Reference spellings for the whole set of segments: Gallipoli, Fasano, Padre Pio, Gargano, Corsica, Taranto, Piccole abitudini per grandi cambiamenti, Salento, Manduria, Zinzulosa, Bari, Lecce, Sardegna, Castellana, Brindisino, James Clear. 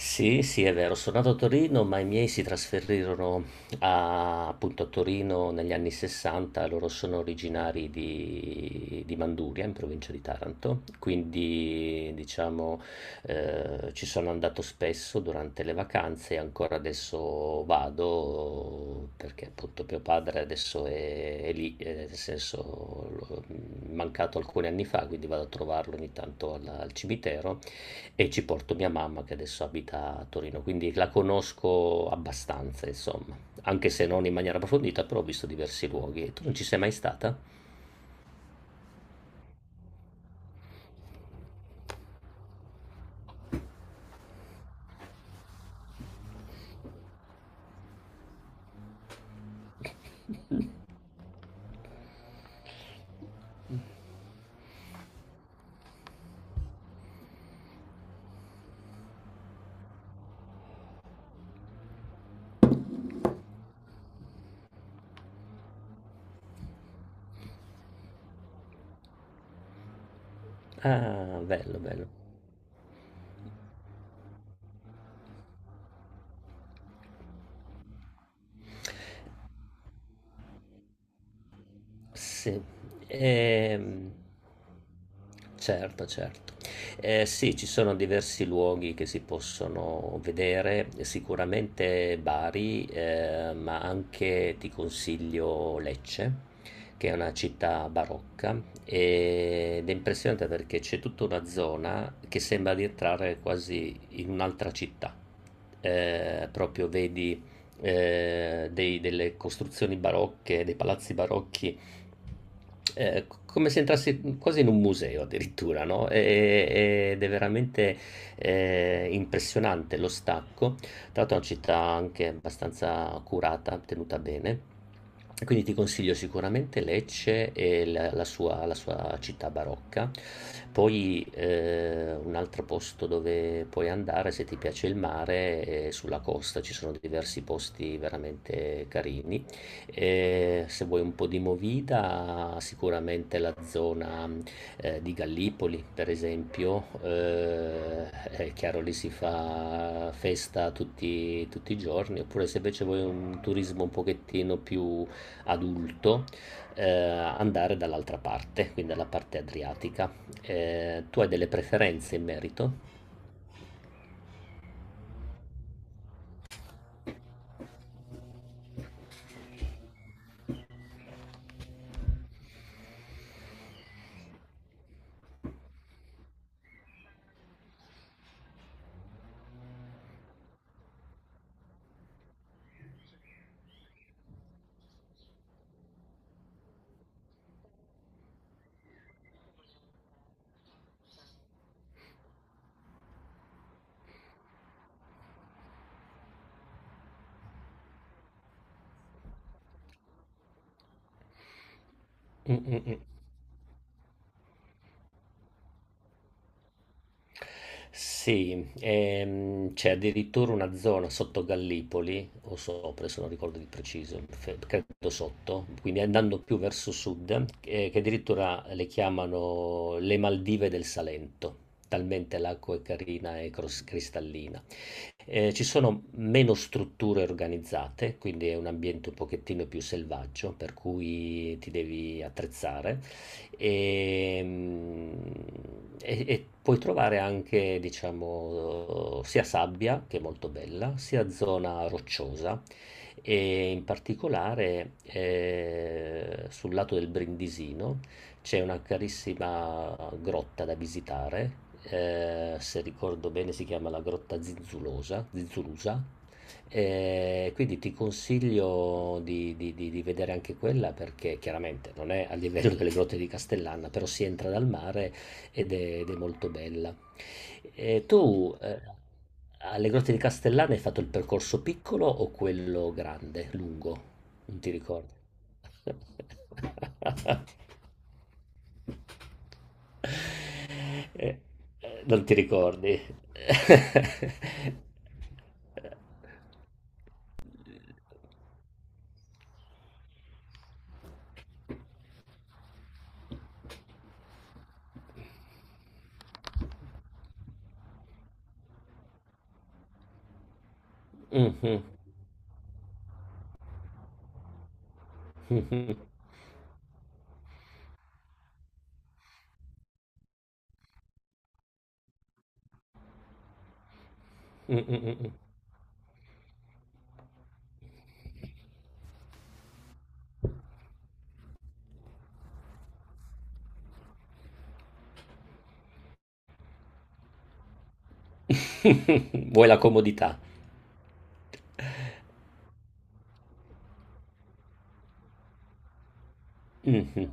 Sì, sì, è vero, sono nato a Torino, ma i miei si trasferirono appunto a Torino negli anni 60, loro sono originari di Manduria, in provincia di Taranto, quindi diciamo ci sono andato spesso durante le vacanze e ancora adesso vado perché appunto mio padre adesso è lì, nel senso l'ho mancato alcuni anni fa, quindi vado a trovarlo ogni tanto al cimitero. E ci porto mia mamma che adesso abita a Torino, quindi la conosco abbastanza, insomma, anche se non in maniera approfondita, però ho visto diversi luoghi. Tu non ci sei mai stata? Ah, bello, bello. Sì, ehm, certo, certo. Sì, ci sono diversi luoghi che si possono vedere, sicuramente Bari, ma anche ti consiglio Lecce, che è una città barocca ed è impressionante perché c'è tutta una zona che sembra di entrare quasi in un'altra città. Proprio vedi delle costruzioni barocche, dei palazzi barocchi come se entrasse quasi in un museo addirittura, no? Ed è veramente impressionante lo stacco. Tra l'altro è una città anche abbastanza curata, tenuta bene. Quindi ti consiglio sicuramente Lecce e la sua città barocca. Poi un altro posto dove puoi andare, se ti piace il mare, è sulla costa, ci sono diversi posti veramente carini. E se vuoi un po' di movida, sicuramente la zona di Gallipoli, per esempio, è chiaro, lì si fa festa tutti, tutti i giorni, oppure se invece vuoi un turismo un pochettino più adulto, andare dall'altra parte, quindi dalla parte adriatica. Tu hai delle preferenze in merito? Mm, mm. Sì, c'è addirittura una zona sotto Gallipoli, o sopra, se non ricordo di preciso, credo sotto, quindi andando più verso sud, che addirittura le chiamano le Maldive del Salento, talmente l'acqua è carina e cristallina. Ci sono meno strutture organizzate, quindi è un ambiente un pochettino più selvaggio, per cui ti devi attrezzare e, e puoi trovare anche, diciamo, sia sabbia, che è molto bella, sia zona rocciosa, e in particolare sul lato del Brindisino c'è una carissima grotta da visitare. Se ricordo bene si chiama la grotta Zinzulosa, Zinzulusa. Quindi ti consiglio di vedere anche quella, perché chiaramente non è a livello delle grotte di Castellana, però si entra dal mare ed è molto bella. E tu, alle grotte di Castellana hai fatto il percorso piccolo o quello grande, lungo? Non ti ricordo. Eh, non ti ricordi? Mhm, mhm. Mm, mm, mm. Vuoi la comodità? Mhm.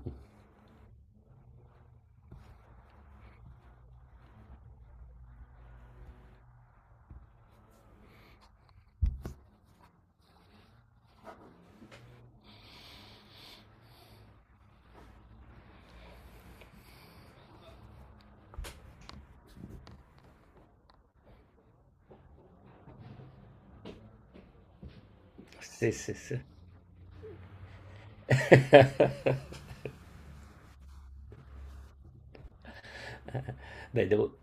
Sì, sì, sì. Eh, Beh, devo...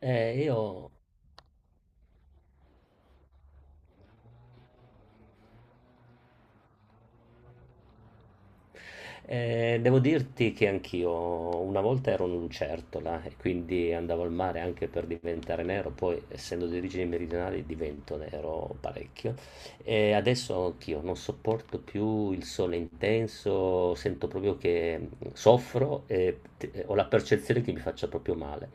io devo dirti che anch'io una volta ero un'lucertola e quindi andavo al mare anche per diventare nero, poi essendo di origini meridionali divento nero parecchio. E adesso anch'io non sopporto più il sole intenso, sento proprio che soffro e ho la percezione che mi faccia proprio male.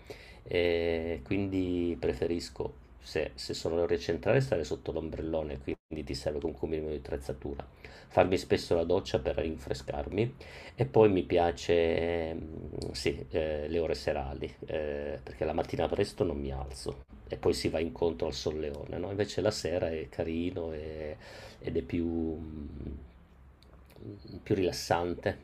E quindi preferisco, se, se sono le ore centrali, stare sotto l'ombrellone, quindi ti serve comunque un minimo di attrezzatura, farmi spesso la doccia per rinfrescarmi, e poi mi piace, sì, le ore serali, perché la mattina presto non mi alzo e poi si va incontro al solleone, no? Invece la sera è carino ed è più, più rilassante.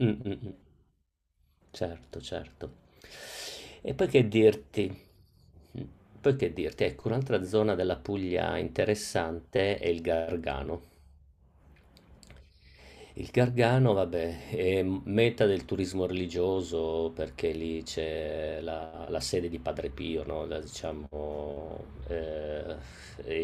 Mm, mm, mm. Certo, certo. E poi che dirti? Poi che dirti? Ecco, un'altra zona della Puglia interessante è il Gargano. Il Gargano, vabbè, è meta del turismo religioso perché lì c'è la sede di Padre Pio, no? La, diciamo, eh,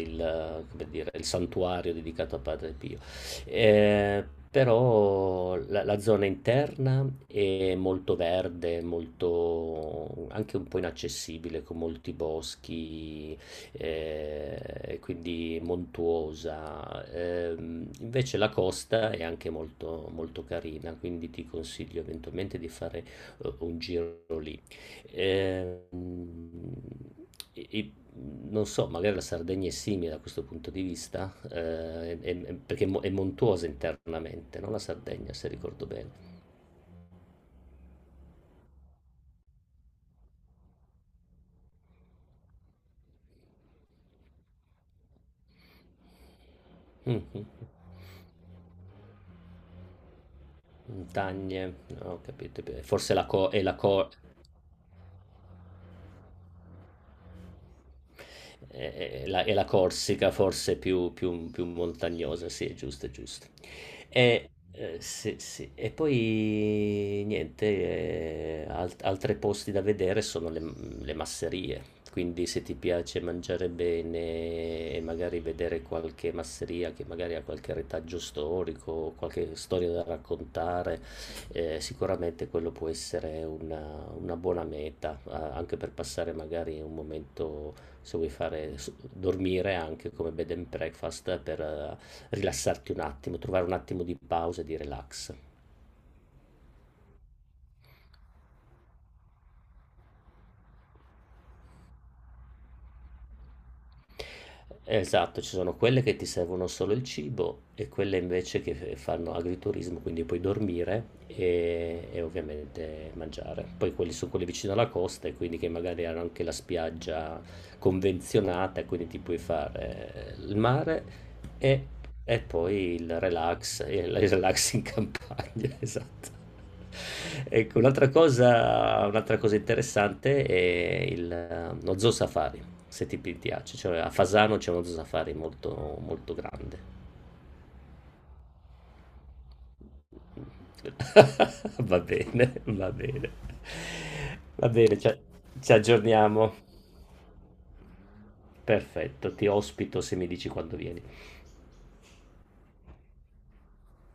come dire, il santuario dedicato a Padre Pio. Eh, Però la zona interna è molto verde, molto, anche un po' inaccessibile, con molti boschi, quindi montuosa. Invece la costa è anche molto, molto carina, quindi ti consiglio eventualmente di fare un giro lì. Ehm, e non so, magari la Sardegna è simile da questo punto di vista, perché è è montuosa internamente, no? La Sardegna, se ricordo bene. Mhm. Montagne, no, ho capito. Forse la co- è la, co- è la Corsica forse più montagnosa, sì, è giusto, è giusto. Sì, sì. E poi niente, altri posti da vedere sono le masserie. Quindi se ti piace mangiare bene e magari vedere qualche masseria che magari ha qualche retaggio storico, qualche storia da raccontare, sicuramente quello può essere una buona meta, anche per passare magari un momento, se vuoi fare dormire anche come bed and breakfast, per rilassarti un attimo, trovare un attimo di pausa e di relax. Esatto, ci sono quelle che ti servono solo il cibo, e quelle invece che fanno agriturismo, quindi puoi dormire e ovviamente mangiare. Poi quelli sono quelli vicino alla costa, e quindi che magari hanno anche la spiaggia convenzionata, quindi ti puoi fare il mare e, e poi il relax in campagna, esatto. Ecco, un'altra cosa interessante è il, lo zoo safari, se ti piace. Cioè, a Fasano c'è uno safari molto, molto grande. Va bene, va bene. Va bene, ci aggiorniamo. Perfetto, ti ospito se mi dici quando vieni.